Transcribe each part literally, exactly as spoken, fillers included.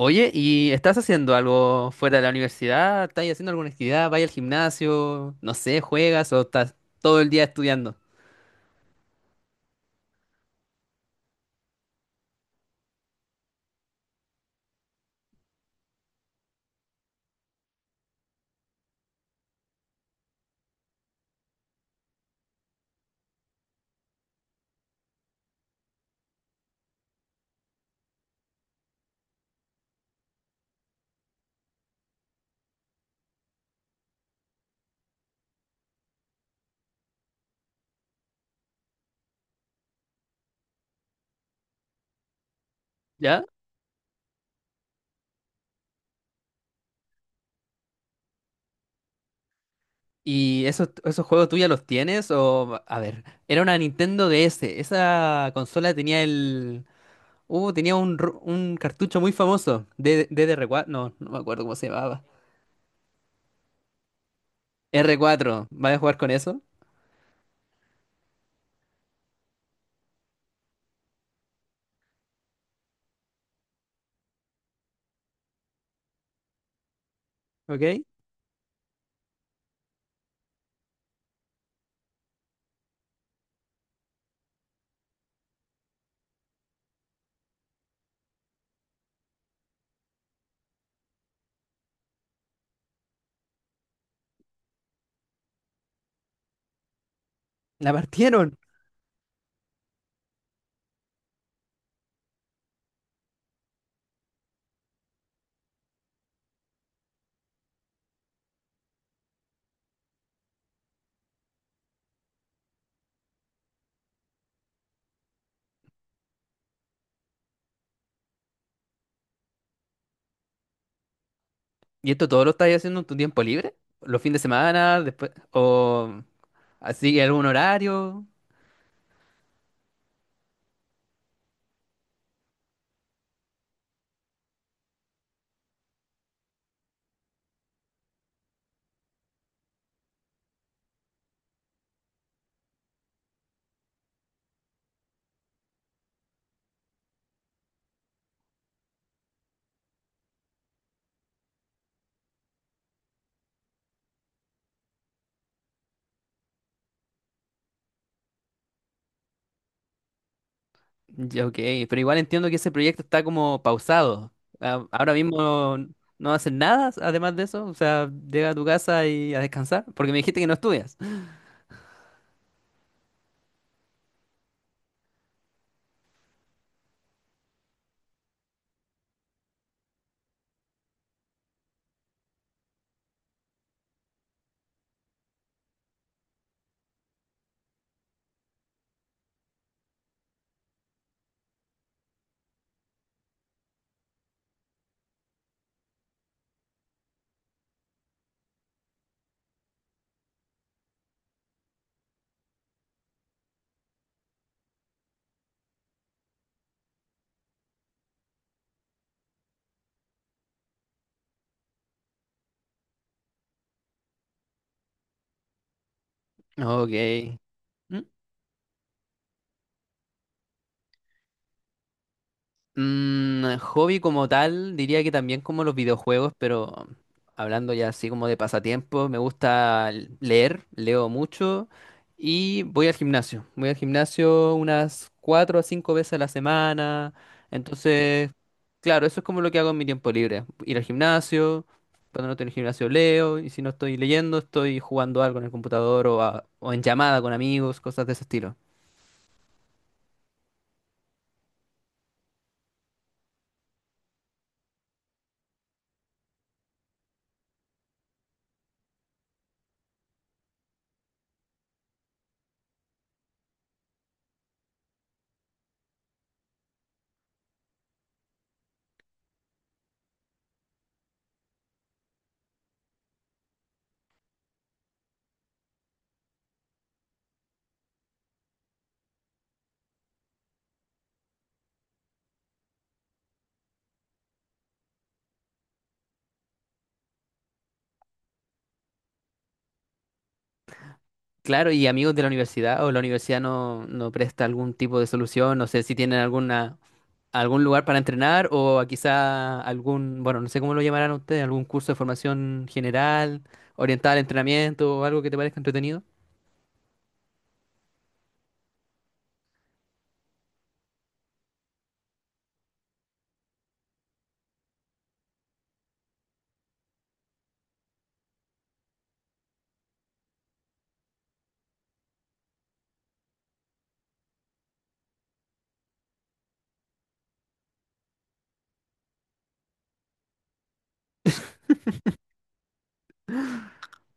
Oye, ¿y estás haciendo algo fuera de la universidad? ¿Estás haciendo alguna actividad? ¿Vas al gimnasio? No sé, ¿juegas o estás todo el día estudiando? ¿Ya? ¿Y esos, esos juegos tú ya los tienes? O, a ver, era una Nintendo D S. Esa consola tenía el... Uh, tenía un, ro- un cartucho muy famoso. D- D R cuatro. No, no me acuerdo cómo se llamaba. R cuatro. ¿Vas a jugar con eso? ¿Ok? La partieron. ¿Y esto todo lo estás haciendo en tu tiempo libre? ¿Los fines de semana? Después... O... Así, ¿algún horario? Ya, ok, pero igual entiendo que ese proyecto está como pausado. Ah, ahora mismo no haces nada, además de eso. O sea, llega a tu casa y a descansar, porque me dijiste que no estudias. Ok. ¿Mm? Mm, hobby como tal, diría que también como los videojuegos, pero hablando ya así como de pasatiempo, me gusta l- leer, leo mucho y voy al gimnasio. Voy al gimnasio unas cuatro a cinco veces a la semana. Entonces, claro, eso es como lo que hago en mi tiempo libre. Ir al gimnasio, cuando no estoy en el gimnasio leo y si no estoy leyendo, estoy jugando algo en el computador o, a- o en llamada con amigos, cosas de ese estilo. Claro, y amigos de la universidad o la universidad no, no presta algún tipo de solución, no sé si tienen alguna, algún lugar para entrenar o quizá algún, bueno, no sé cómo lo llamarán ustedes, algún curso de formación general, orientada al entrenamiento o algo que te parezca entretenido.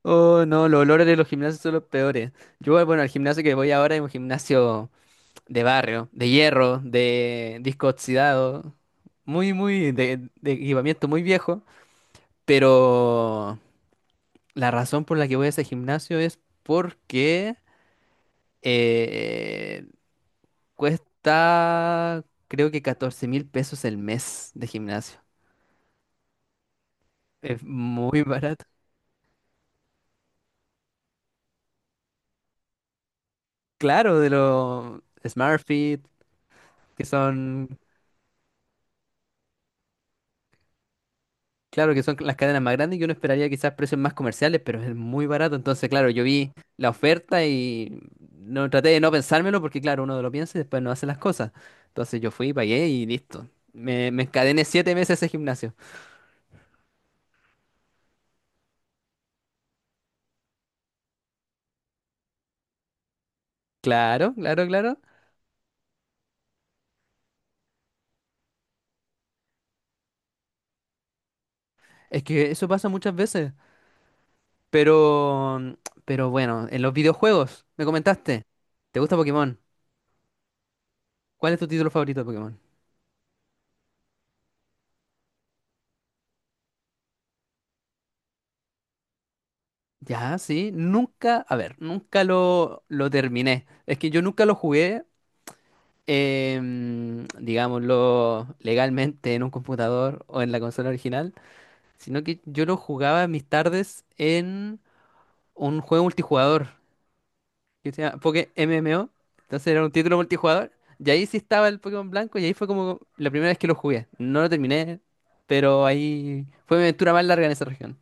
Oh, no, los olores de los gimnasios son los peores. Yo, bueno, el gimnasio que voy ahora es un gimnasio de barrio, de hierro, de disco oxidado, muy, muy, de, de equipamiento muy viejo, pero... La razón por la que voy a ese gimnasio es porque eh, cuesta creo que catorce mil pesos el mes de gimnasio. Es muy barato. Claro, de los SmartFit, que son, claro, que son las cadenas más grandes, yo no esperaría quizás precios más comerciales, pero es muy barato. Entonces, claro, yo vi la oferta y no traté de no pensármelo porque, claro, uno lo piensa y después no hace las cosas. Entonces yo fui, pagué y listo. Me, me encadené siete meses a ese gimnasio. Claro, claro, claro. Es que eso pasa muchas veces. Pero, mm, pero bueno, en los videojuegos, me comentaste, ¿te gusta Pokémon? ¿Cuál es tu título favorito de Pokémon? Ya, sí, nunca, a ver, nunca lo, lo terminé. Es que yo nunca lo jugué, eh, mm, digámoslo, legalmente en un computador o en la consola original, sino que yo lo jugaba en mis tardes en un juego multijugador, que se llama Poké M M O. Entonces era un título multijugador. Y ahí sí estaba el Pokémon Blanco y ahí fue como la primera vez que lo jugué. No lo terminé, pero ahí fue mi aventura más larga en esa región.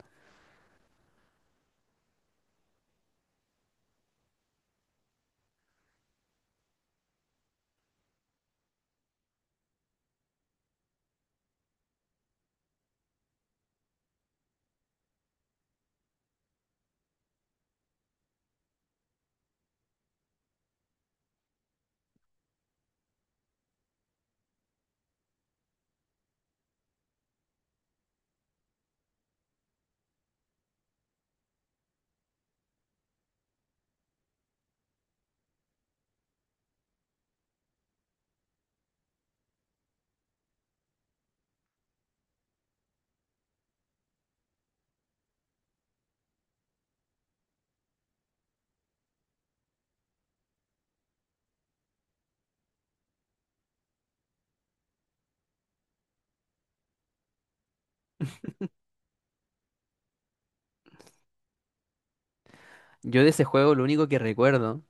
Yo de ese juego lo único que recuerdo,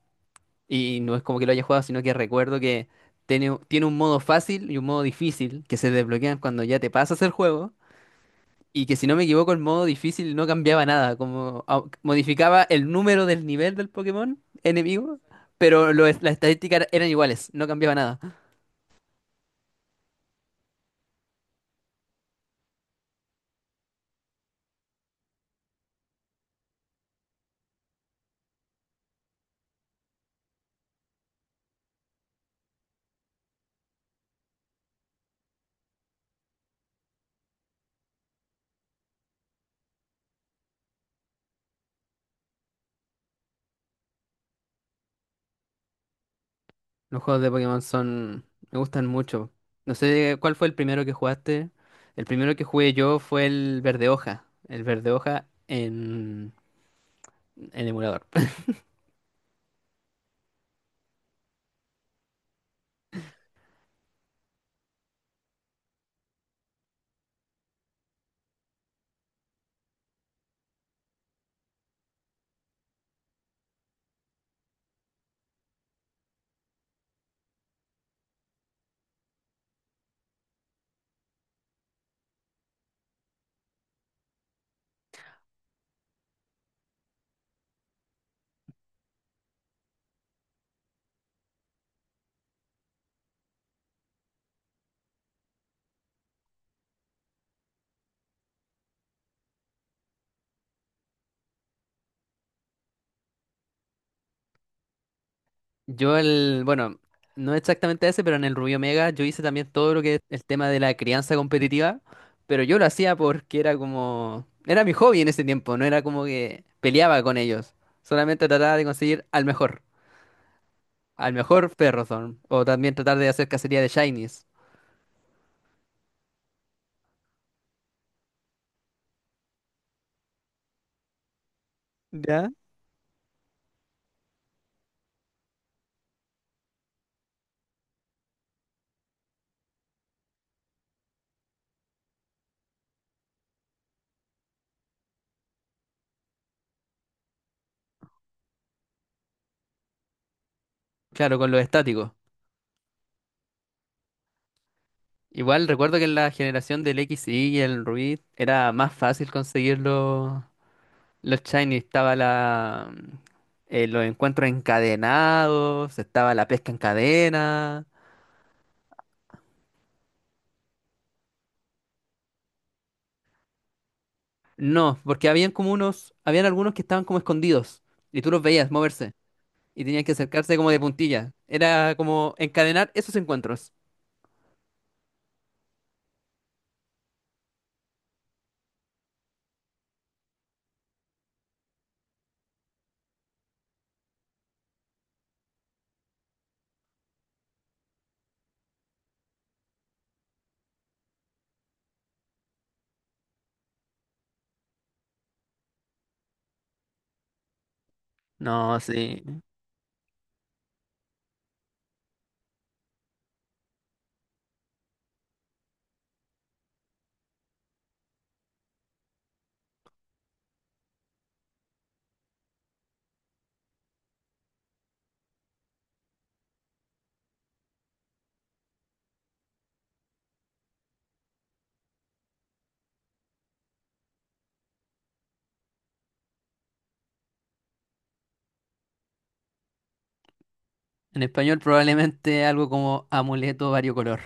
y no es como que lo haya jugado, sino que recuerdo que tiene, tiene un modo fácil y un modo difícil que se desbloquean cuando ya te pasas el juego. Y que si no me equivoco, el modo difícil no cambiaba nada, como au- modificaba el número del nivel del Pokémon enemigo, pero lo- las estadísticas eran iguales, no cambiaba nada. Los juegos de Pokémon son... me gustan mucho. No sé cuál fue el primero que jugaste. El primero que jugué yo fue el Verde Hoja. El Verde Hoja en, en emulador. Yo el... Bueno, no exactamente ese, pero en el Rubio Omega yo hice también todo lo que es el tema de la crianza competitiva. Pero yo lo hacía porque era como... Era mi hobby en ese tiempo, no era como que peleaba con ellos. Solamente trataba de conseguir al mejor. Al mejor Ferrothorn. O también tratar de hacer cacería de Shinies. ¿Ya? Claro, con los estáticos. Igual recuerdo que en la generación del X y y el Ruby era más fácil conseguir los, los shiny. Estaba la, eh, los encuentros encadenados, estaba la pesca en cadena. No, porque habían como unos, habían algunos que estaban como escondidos y tú los veías moverse y tenías que acercarse como de puntilla. Era como encadenar esos encuentros. No, sí. En español probablemente algo como amuleto variocolor.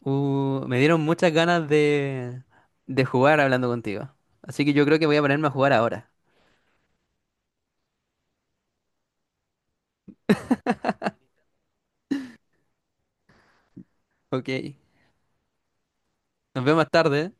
Uh, me dieron muchas ganas de, de jugar hablando contigo. Así que yo creo que voy a ponerme a jugar ahora. Ok. Nos vemos más tarde.